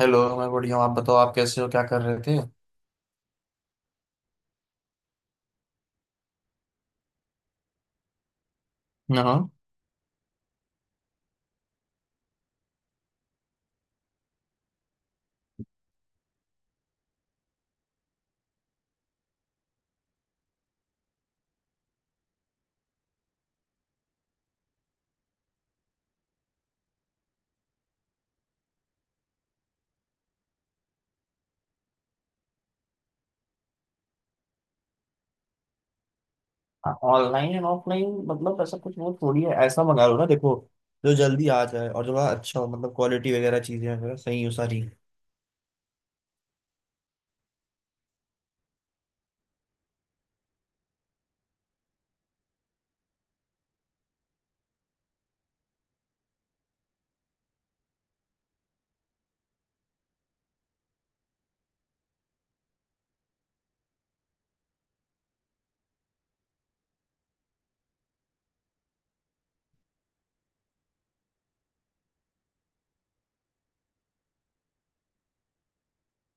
Hello. मैं बढ़िया हूँ, आप बताओ आप कैसे हो, क्या कर रहे थे? हाँ, ऑनलाइन एंड ऑफलाइन मतलब ऐसा कुछ वो थोड़ी है, ऐसा मंगा लो ना, देखो जो जल्दी आ जाए और जो बड़ा अच्छा हो, मतलब क्वालिटी वगैरह चीजें वगैरह सही हो सारी।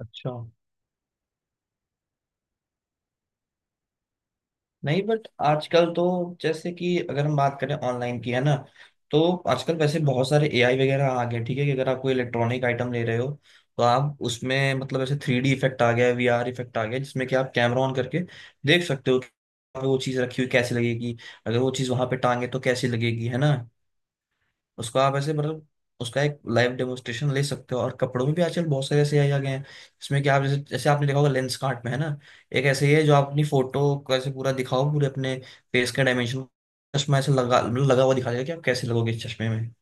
अच्छा। नहीं, बट आजकल तो, जैसे कि अगर हम बात करें ऑनलाइन की, है ना, तो आजकल वैसे बहुत सारे एआई वगैरह आ गए। ठीक है, कि अगर आप कोई इलेक्ट्रॉनिक आइटम ले रहे हो, तो आप उसमें मतलब ऐसे 3D इफेक्ट आ गया है, VR इफेक्ट आ गया जिसमें कि आप कैमरा ऑन करके देख सकते हो कि वहाँ पे वो चीज़ रखी हुई कैसी लगेगी, अगर वो चीज़ वहां पे टांगे तो कैसी लगेगी, है ना? उसको आप ऐसे, मतलब उसका एक लाइव डेमोस्ट्रेशन ले सकते हो। और कपड़ों में भी आजकल बहुत सारे ऐसे आ गए हैं जिसमें कि आप, जैसे जैसे आपने देखा होगा लेंस कार्ट में, है ना, एक ऐसे ही है जो आप अपनी फोटो को ऐसे पूरा दिखाओ, पूरे अपने फेस के डायमेंशन, चश्मा ऐसे लगा, मतलब लगा हुआ दिखा देगा कि आप कैसे लगोगे इस चश्मे में।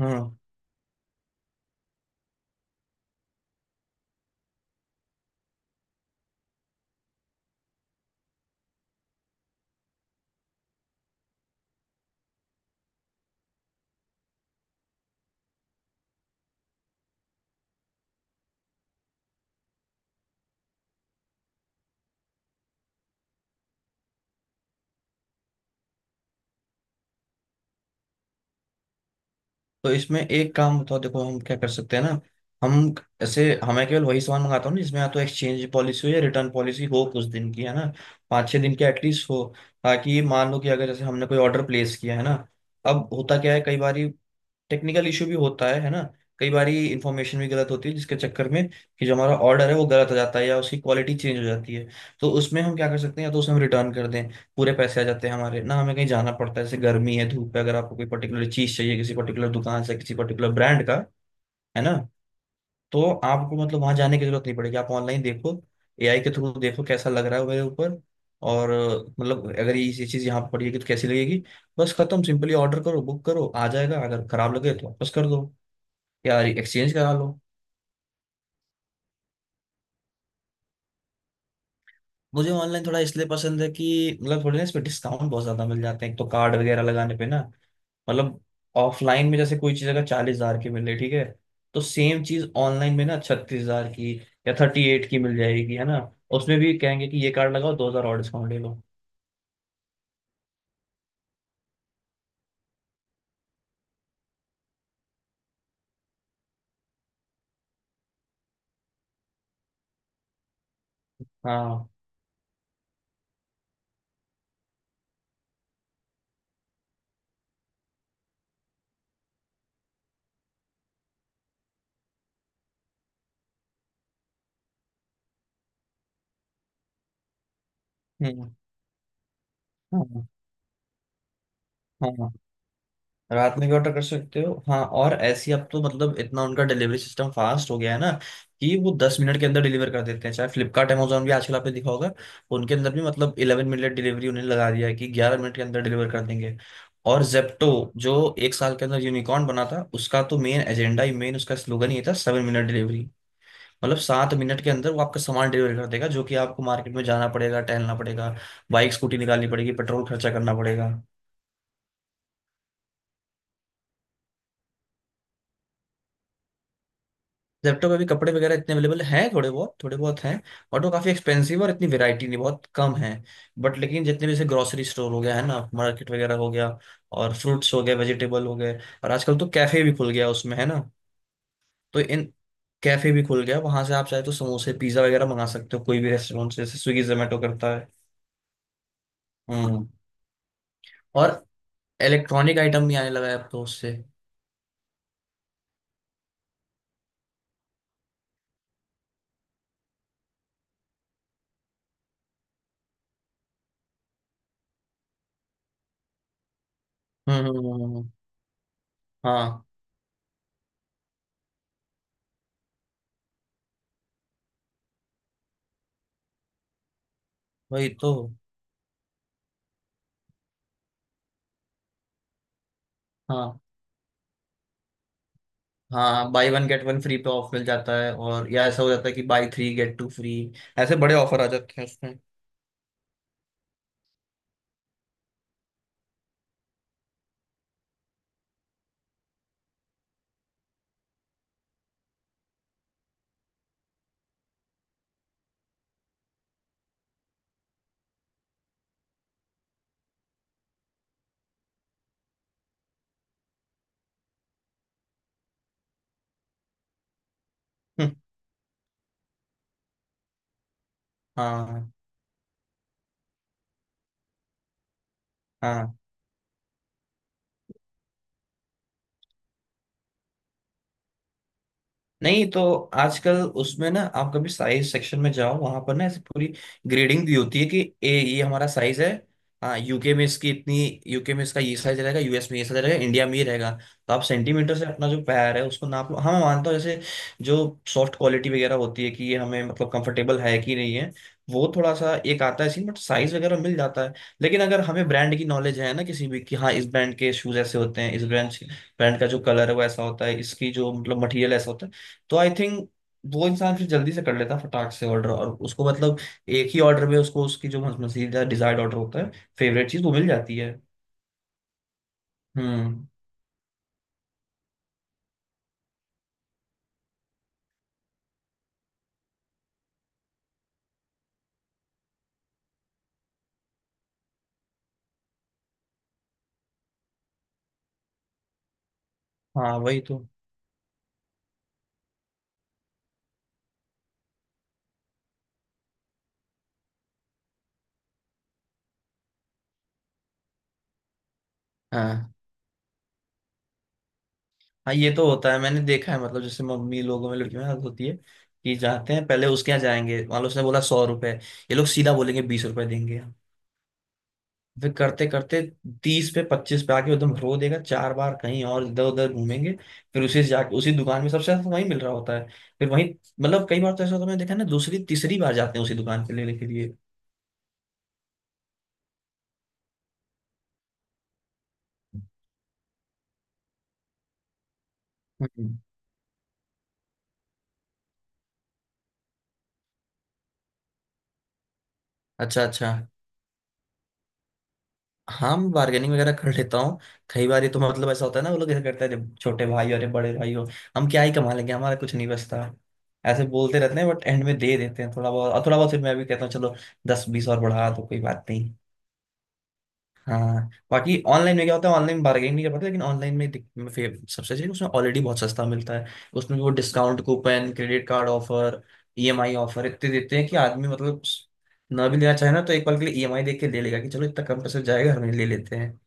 हाँ, तो इसमें एक काम बताओ, देखो हम क्या कर सकते हैं ना। हम ऐसे हमें केवल वही सामान मंगाता हूँ ना जिसमें या तो एक्सचेंज पॉलिसी हो या रिटर्न पॉलिसी हो, कुछ दिन की, है ना, पाँच छः दिन की एटलीस्ट हो। ताकि मान लो कि अगर जैसे हमने कोई ऑर्डर प्लेस किया है ना, अब होता क्या है, कई बार टेक्निकल इशू भी होता है ना, कई बारी इंफॉर्मेशन भी गलत होती है, जिसके चक्कर में कि जो हमारा ऑर्डर है वो गलत हो जाता है या उसकी क्वालिटी चेंज हो जाती है। तो उसमें हम क्या कर सकते हैं, या तो उसे हम रिटर्न कर दें, पूरे पैसे आ जाते हैं हमारे। ना हमें कहीं जाना पड़ता है, जैसे गर्मी है, धूप है, अगर आपको कोई पर्टिकुलर चीज़ चाहिए किसी पर्टिकुलर दुकान से किसी पर्टिकुलर ब्रांड का, है ना, तो आपको मतलब वहां जाने की जरूरत नहीं पड़ेगी, आप ऑनलाइन देखो, एआई के थ्रू देखो कैसा लग रहा है मेरे ऊपर। और मतलब अगर ये चीज़ यहाँ पर पड़ी है, कि तो कैसी लगेगी, बस खत्म, सिंपली ऑर्डर करो, बुक करो, आ जाएगा, अगर खराब लगे तो वापस कर दो यार, एक्सचेंज करा लो। मुझे ऑनलाइन थोड़ा इसलिए पसंद है कि, मतलब थोड़े ना इसमें डिस्काउंट बहुत ज्यादा मिल जाते हैं एक तो, कार्ड वगैरह लगाने पे ना। मतलब ऑफलाइन में जैसे कोई चीज अगर 40,000 की मिल रही ठीक है, तो सेम चीज ऑनलाइन में ना 36,000 की या 38 की मिल जाएगी, है ना। उसमें भी कहेंगे कि ये कार्ड लगाओ, 2,000 और डिस्काउंट ले लो। हाँ। हम्म। हाँ। हाँ, रात में भी ऑर्डर कर सकते हो। हाँ, और ऐसी अब तो मतलब इतना उनका डिलीवरी सिस्टम फास्ट हो गया है ना, कि वो 10 मिनट के अंदर डिलीवर कर देते हैं। चाहे फ्लिपकार्ट अमेजोन भी आजकल आपने देखा होगा, उनके अंदर भी मतलब 11 मिनट डिलीवरी उन्हें लगा दिया है कि 11 मिनट के अंदर डिलीवर कर देंगे। और जेप्टो, जो एक साल के अंदर यूनिकॉर्न बना था, उसका तो मेन एजेंडा ही, मेन उसका स्लोगन ये था 7 मिनट डिलीवरी, मतलब 7 मिनट के अंदर वो आपका सामान डिलीवर कर देगा। जो कि आपको मार्केट में जाना पड़ेगा, टहलना पड़ेगा, बाइक स्कूटी निकालनी पड़ेगी, पेट्रोल खर्चा करना पड़ेगा। जेप्टो पे भी कपड़े वगैरह इतने अवेलेबल हैं, थोड़े बहुत, थोड़े बहुत हैं, बट वो काफी एक्सपेंसिव और इतनी वैरायटी नहीं, बहुत कम है। बट लेकिन जितने भी, जैसे ग्रोसरी स्टोर हो गया है ना, मार्केट वगैरह हो गया और फ्रूट्स हो गए, वेजिटेबल हो गए, और आजकल तो कैफे भी खुल गया उसमें, है ना। तो इन, कैफे भी खुल गया, वहां से आप चाहे तो समोसे पिज्जा वगैरह मंगा सकते हो, कोई भी रेस्टोरेंट से, जैसे स्विगी जोमेटो करता है। हम्म। और इलेक्ट्रॉनिक आइटम भी आने लगा है अब तो उससे। हम्म, हम्म। हाँ, वही तो। हाँ, हाँ, buy one get one free पे ऑफ मिल जाता है, और या ऐसा हो जाता है कि buy three get two free. ऐसे बड़े ऑफर आ जाते हैं उसमें। हम्म, हाँ, हाँ। नहीं तो आजकल उसमें ना, आप कभी साइज सेक्शन में जाओ, वहां पर ना ऐसी पूरी ग्रेडिंग दी होती है कि ए ये हमारा साइज है। हाँ, यूके में इसकी इतनी, UK में इसका ये साइज रहेगा, US में ये साइज रहेगा, इंडिया में ये रहेगा। तो आप सेंटीमीटर से अपना जो पैर है उसको नाप लो। हाँ, मैं मानता हूँ जैसे जो सॉफ्ट क्वालिटी वगैरह होती है कि ये हमें मतलब कंफर्टेबल है कि नहीं है, वो थोड़ा सा एक आता है सीन, बट साइज वगैरह मिल जाता है। लेकिन अगर हमें ब्रांड की नॉलेज है ना किसी भी, कि हाँ इस ब्रांड के शूज ऐसे होते हैं, इस ब्रांड ब्रांड का जो कलर है वो ऐसा होता है, इसकी जो मतलब मटेरियल ऐसा होता है, तो आई थिंक वो इंसान फिर जल्दी से कर लेता, फटाक से ऑर्डर, और उसको मतलब एक ही ऑर्डर में उसको उसकी जो मजीदा डिजायर्ड ऑर्डर होता है, फेवरेट चीज वो मिल जाती है। हम्म। हाँ, वही तो। हाँ, हाँ, ये तो होता है मैंने देखा है। मतलब जैसे मम्मी लोगों में, लड़कियों में आदत होती है कि जाते हैं पहले उसके यहाँ जाएंगे, मान लो उसने बोला 100 रुपए, ये लोग सीधा बोलेंगे 20 रुपए देंगे। फिर करते करते 30 पे, 25 पे आके एकदम रो देगा। चार बार कहीं और इधर उधर घूमेंगे, फिर उसी से जाके, उसी दुकान में सबसे ज्यादा वही मिल रहा होता है, फिर वही, मतलब कई बार तो ऐसा होता है मैंने देखा है ना, दूसरी तीसरी बार जाते हैं उसी दुकान पे लेने के लिए। हम्म। अच्छा, अच्छा। हाँ, मैं बार्गेनिंग वगैरह कर लेता हूँ। कई बार ये तो मतलब ऐसा होता है ना, वो लोग ऐसा करते हैं, "अरे छोटे भाई, अरे बड़े भाई हो, हम क्या ही कमा लेंगे, हमारा कुछ नहीं बचता"। ऐसे बोलते रहते हैं, बट एंड में दे देते हैं थोड़ा बहुत, और थोड़ा बहुत फिर मैं भी कहता हूँ चलो दस बीस और बढ़ा दो, कोई बात नहीं। हाँ, बाकी ऑनलाइन में क्या होता है, ऑनलाइन बार्गेनिंग नहीं कर पाते, लेकिन ऑनलाइन में सबसे अच्छी उसमें ऑलरेडी बहुत सस्ता मिलता है। उसमें वो discount coupon, credit card offer, EMI offer इतने देते हैं कि आदमी, मतलब ना भी लेना चाहे ना तो एक पल के लिए ईएमआई देख के ले लेगा कि चलो इतना कम पैसे जाएगा, हम ये ले लेते हैं।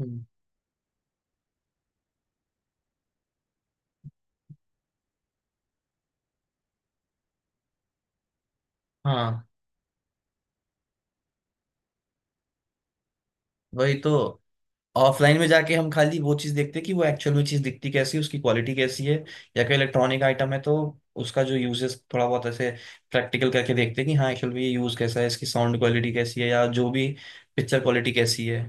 हम्म। हाँ, वही तो। ऑफलाइन में जाके हम खाली वो चीज देखते हैं कि वो एक्चुअल में चीज दिखती कैसी है, उसकी क्वालिटी कैसी है, या कोई इलेक्ट्रॉनिक आइटम है तो उसका जो यूजेस थोड़ा बहुत ऐसे प्रैक्टिकल करके देखते हैं कि हाँ एक्चुअल में ये यूज कैसा है, इसकी साउंड क्वालिटी कैसी है, या जो भी पिक्चर क्वालिटी कैसी है।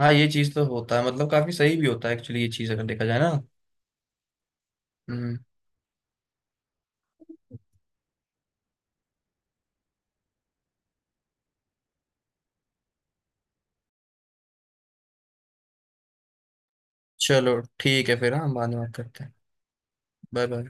हाँ, ये चीज तो होता है, मतलब काफी सही भी होता है एक्चुअली ये चीज, अगर देखा जाए ना। हम्म। चलो ठीक है फिर, हाँ बाद में बात करते हैं। Bye bye.